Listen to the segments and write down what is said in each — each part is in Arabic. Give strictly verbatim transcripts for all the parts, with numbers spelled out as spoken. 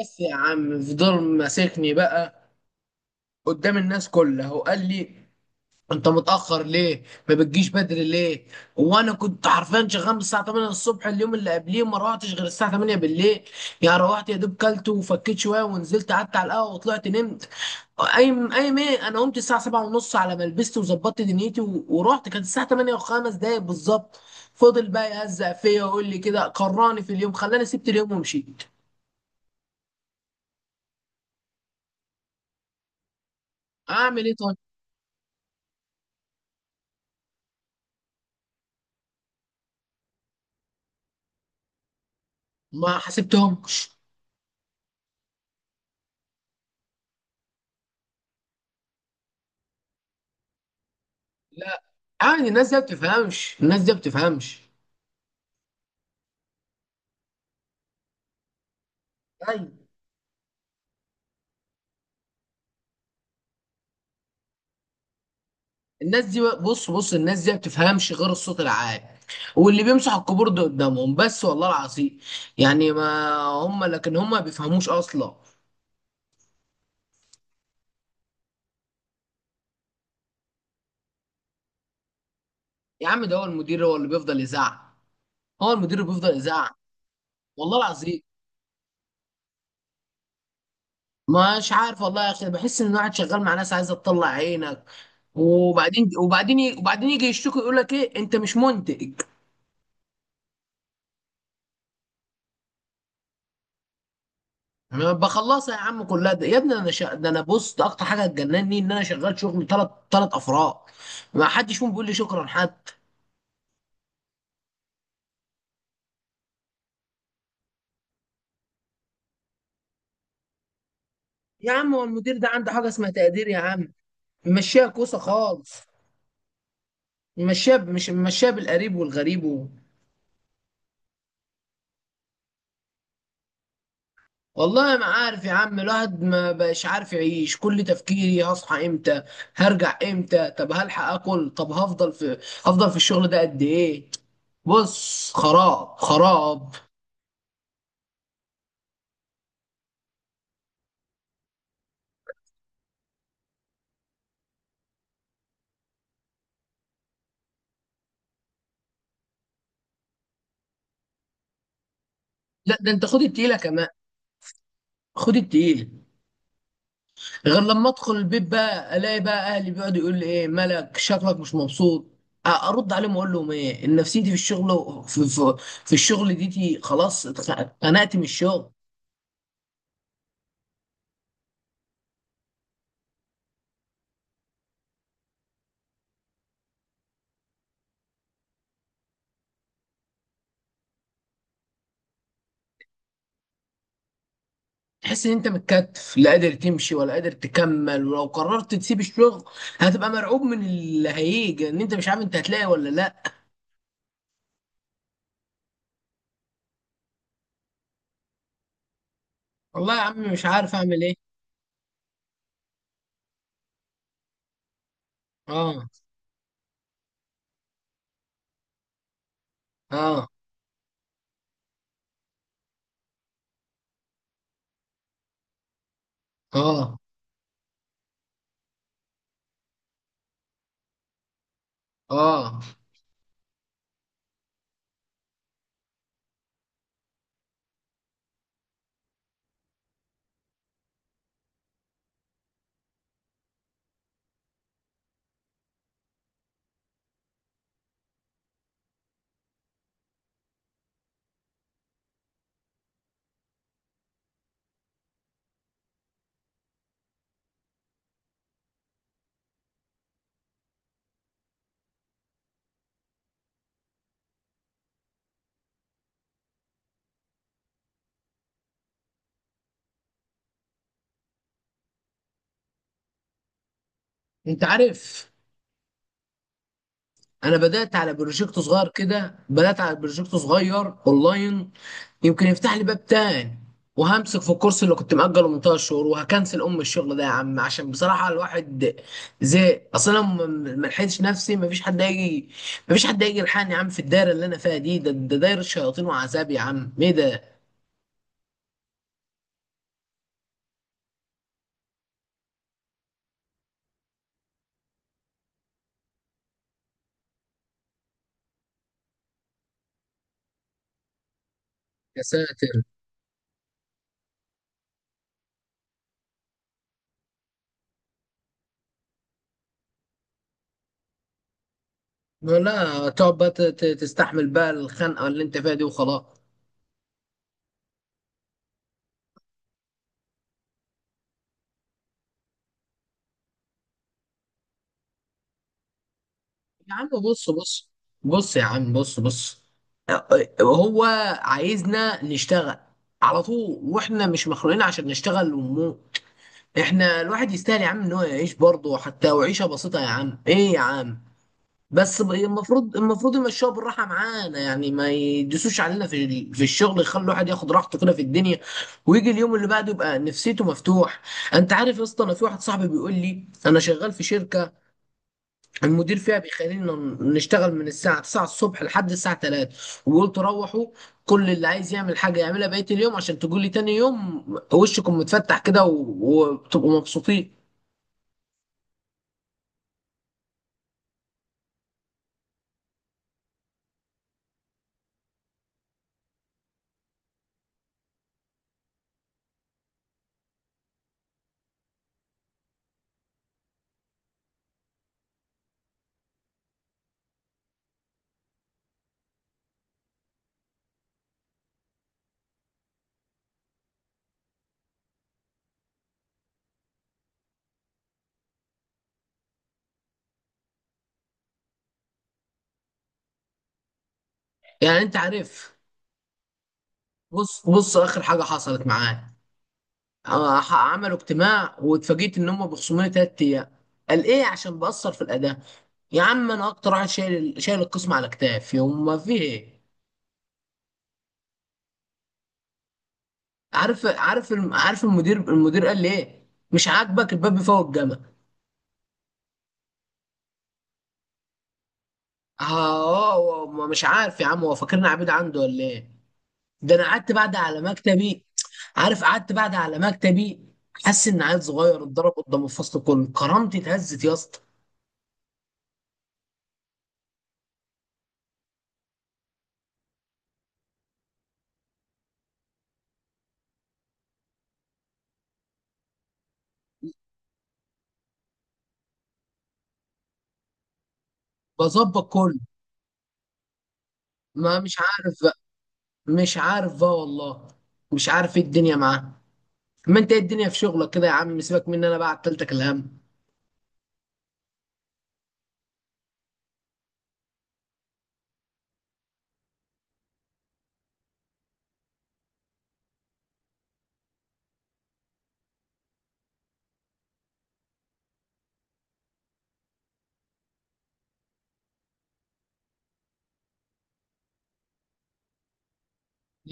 بس يا عم، فضل ماسكني بقى قدام الناس كلها وقال لي: انت متأخر ليه؟ ما بتجيش بدري ليه؟ وانا كنت حرفيا شغال من الساعة تمانية الصبح، اليوم اللي قبليه ما روحتش غير الساعة تمانية بالليل. يعني روحت يا دوب كلت وفكيت شوية ونزلت، قعدت على القهوة وطلعت نمت. اي اي ايه انا قمت الساعة سبعة ونص على ما لبست وظبطت دنيتي و- ورحت، كانت الساعة تمانية وخمس دقايق بالظبط. فضل بقى يهزق فيا ويقول لي كده، كرهني في اليوم، خلاني سبت اليوم ومشيت. اعمل ايه طيب؟ ما حسبتهم. لا. عادي، الناس دي ما بتفهمش، الناس دي ما بتفهمش. ايوه. الناس دي، بص بص، الناس دي ما بتفهمش غير الصوت العالي، واللي بيمسح الكيبورد ده قدامهم بس، والله العظيم. يعني ما هم، لكن هم ما بيفهموش اصلا. يا عم ده هو المدير، هو اللي بيفضل يزعق. هو المدير اللي بيفضل يزعق. والله العظيم. مش عارف والله يا اخي، بحس ان الواحد شغال مع ناس عايزه تطلع عينك، وبعدين وبعدين وبعدين يجي يشتكي يقول لك ايه، انت مش منتج؟ يعني انا بخلصها يا عم كلها، ده يا ابني انا شا... ده انا، بص، ده اكتر حاجه تجنني ان انا شغال شغل ثلاث ثلاث افراد، ما حدش فيهم بيقول لي شكرا حتى. يا عم، هو المدير ده عنده حاجه اسمها تقدير يا عم؟ ممشيها كوسه خالص. ممشيها ب- مش ممشيها بالقريب والغريب و... والله ما عارف يا عم، الواحد ما بقاش عارف يعيش، كل تفكيري هصحى امتى؟ هرجع امتى؟ طب هلحق اكل؟ طب هفضل في هفضل في الشغل ده قد ايه؟ بص، خراب خراب. لا ده انت خد التقيله كمان. خد التقيله. غير لما ادخل البيت بقى، الاقي بقى اهلي بيقعدوا يقول لي: ايه مالك، شكلك مش مبسوط. أ- ارد عليهم اقول لهم ايه، ان نفسيتي في الشغل، في, في, في الشغل ديتي خلاص اتخ- اتخنقت من الشغل. تحس ان انت متكتف، لا قادر تمشي ولا قادر تكمل، ولو قررت تسيب الشغل هتبقى مرعوب من اللي هيجي، ان انت مش عارف انت هتلاقي ولا لا. والله يا عم، مش عارف اعمل ايه. اه. اه. اه. اه. انت عارف؟ انا بدات على بروجكت صغير كده بدات على بروجكت صغير اونلاين، يمكن يفتح لي باب تاني، وهمسك في الكورس اللي كنت مأجله من تلات شهور، وهكنسل ام الشغل ده يا عم، عشان بصراحه الواحد زهق اصلا، ما ما لحقتش نفسي، ما فيش حد هيجي ما فيش حد هيجي يلحقني يا عم، في الدايره اللي انا فيها دي، ده ده دايره شياطين وعذاب يا عم، ايه ده؟ يا ساتر. لا تقعد بقى ت- ت- تستحمل بقى الخنقه اللي انت فيها دي وخلاص. يا عم بص بص. بص يا عم بص بص. هو عايزنا نشتغل على طول، واحنا مش مخلوقين عشان نشتغل ومو احنا، الواحد يستاهل يا عم ان هو يعيش برضه حتى، وعيشه بسيطه يا عم، ايه يا عم؟ بس ب- المفروض المفروض يمشوها بالراحه معانا، يعني ما يدوسوش علينا في ال- في الشغل، يخلي الواحد ياخد راحته كده في الدنيا، ويجي اليوم اللي بعده يبقى نفسيته مفتوح. انت عارف يا اسطى، انا في واحد صاحبي بيقول لي: انا شغال في شركه، المدير فيها بيخلينا نشتغل من الساعة تسعة الصبح لحد الساعة تلاتة، وقلت روحوا، كل اللي عايز يعمل حاجة يعملها بقية اليوم، عشان تقول لي تاني يوم وشكم متفتح كده، و- وبتبقوا مبسوطين. يعني انت عارف، بص بص، اخر حاجة حصلت معايا، آه، ح- عملوا اجتماع واتفاجئت ان هم بيخصموني تلات ايام. قال ايه؟ عشان بأثر في الأداء. يا عم انا اكتر واحد شايل شايل القسم على كتافي، وما فيه ايه؟ عارف عارف الم- عارف المدير المدير قال لي ايه؟ مش عاجبك الباب بيفوق الجمل. اه هو ما- مش عارف يا عم، هو فاكرني عبيد عنده ولا ايه؟ ده انا قعدت بعد على مكتبي. عارف؟ قعدت بعد على مكتبي، حاسس ان عيل صغير اتضرب قدام الفصل كله، كرامتي اتهزت يا اسطى. بظبط كله. ما مش عارف بقى، مش عارف بقى والله، مش عارف ايه الدنيا معاه. ما انت ايه الدنيا في شغلك كده يا عم؟ سيبك مني انا بقى، عطلتك الهم.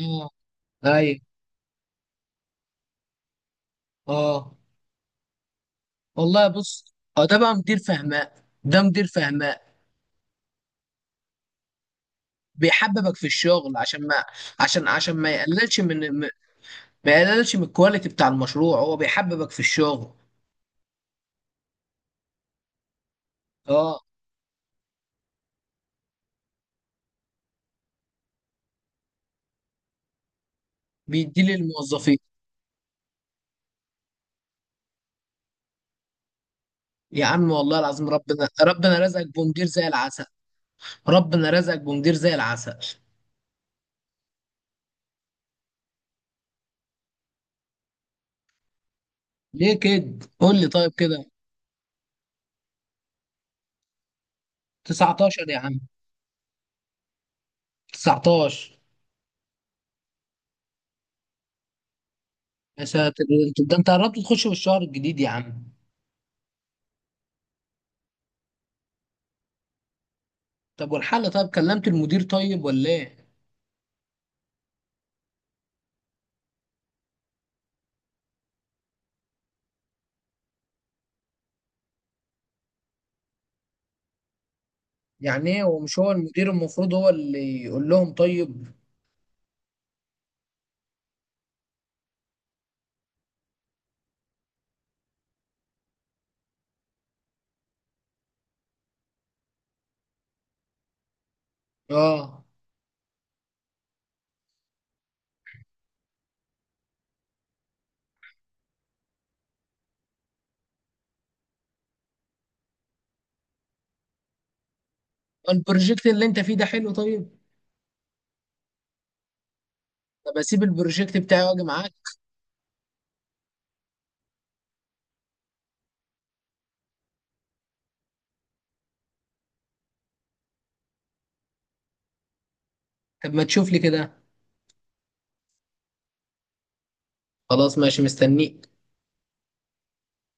اه. ايوه. اه. والله بص، اه ده بقى مدير فهمان. ده مدير فهمان. بيحببك في الشغل عشان ما عشان عشان ما يقللش من ما يقللش من الكواليتي بتاع المشروع، هو بيحببك في الشغل. اه. بيدي للموظفين. يا عم والله العظيم، ربنا ربنا رزقك بمدير زي العسل. ربنا رزقك بمدير زي العسل. ليه كده؟ قول لي طيب كده. تسعتاشر يا عم. تسعتاشر. يا ساتر، انت- ده انت قربت تخش في الشهر الجديد يا عم. طب والحل؟ طيب كلمت المدير طيب ولا ايه؟ يعني ايه هو، مش هو المدير المفروض هو اللي يقول لهم طيب؟ اه. البروجكت اللي انت فيه ده حلو طيب؟ طب اسيب البروجكت بتاعي واجي معاك؟ طب ما تشوف لي كده؟ خلاص ماشي مستنيك.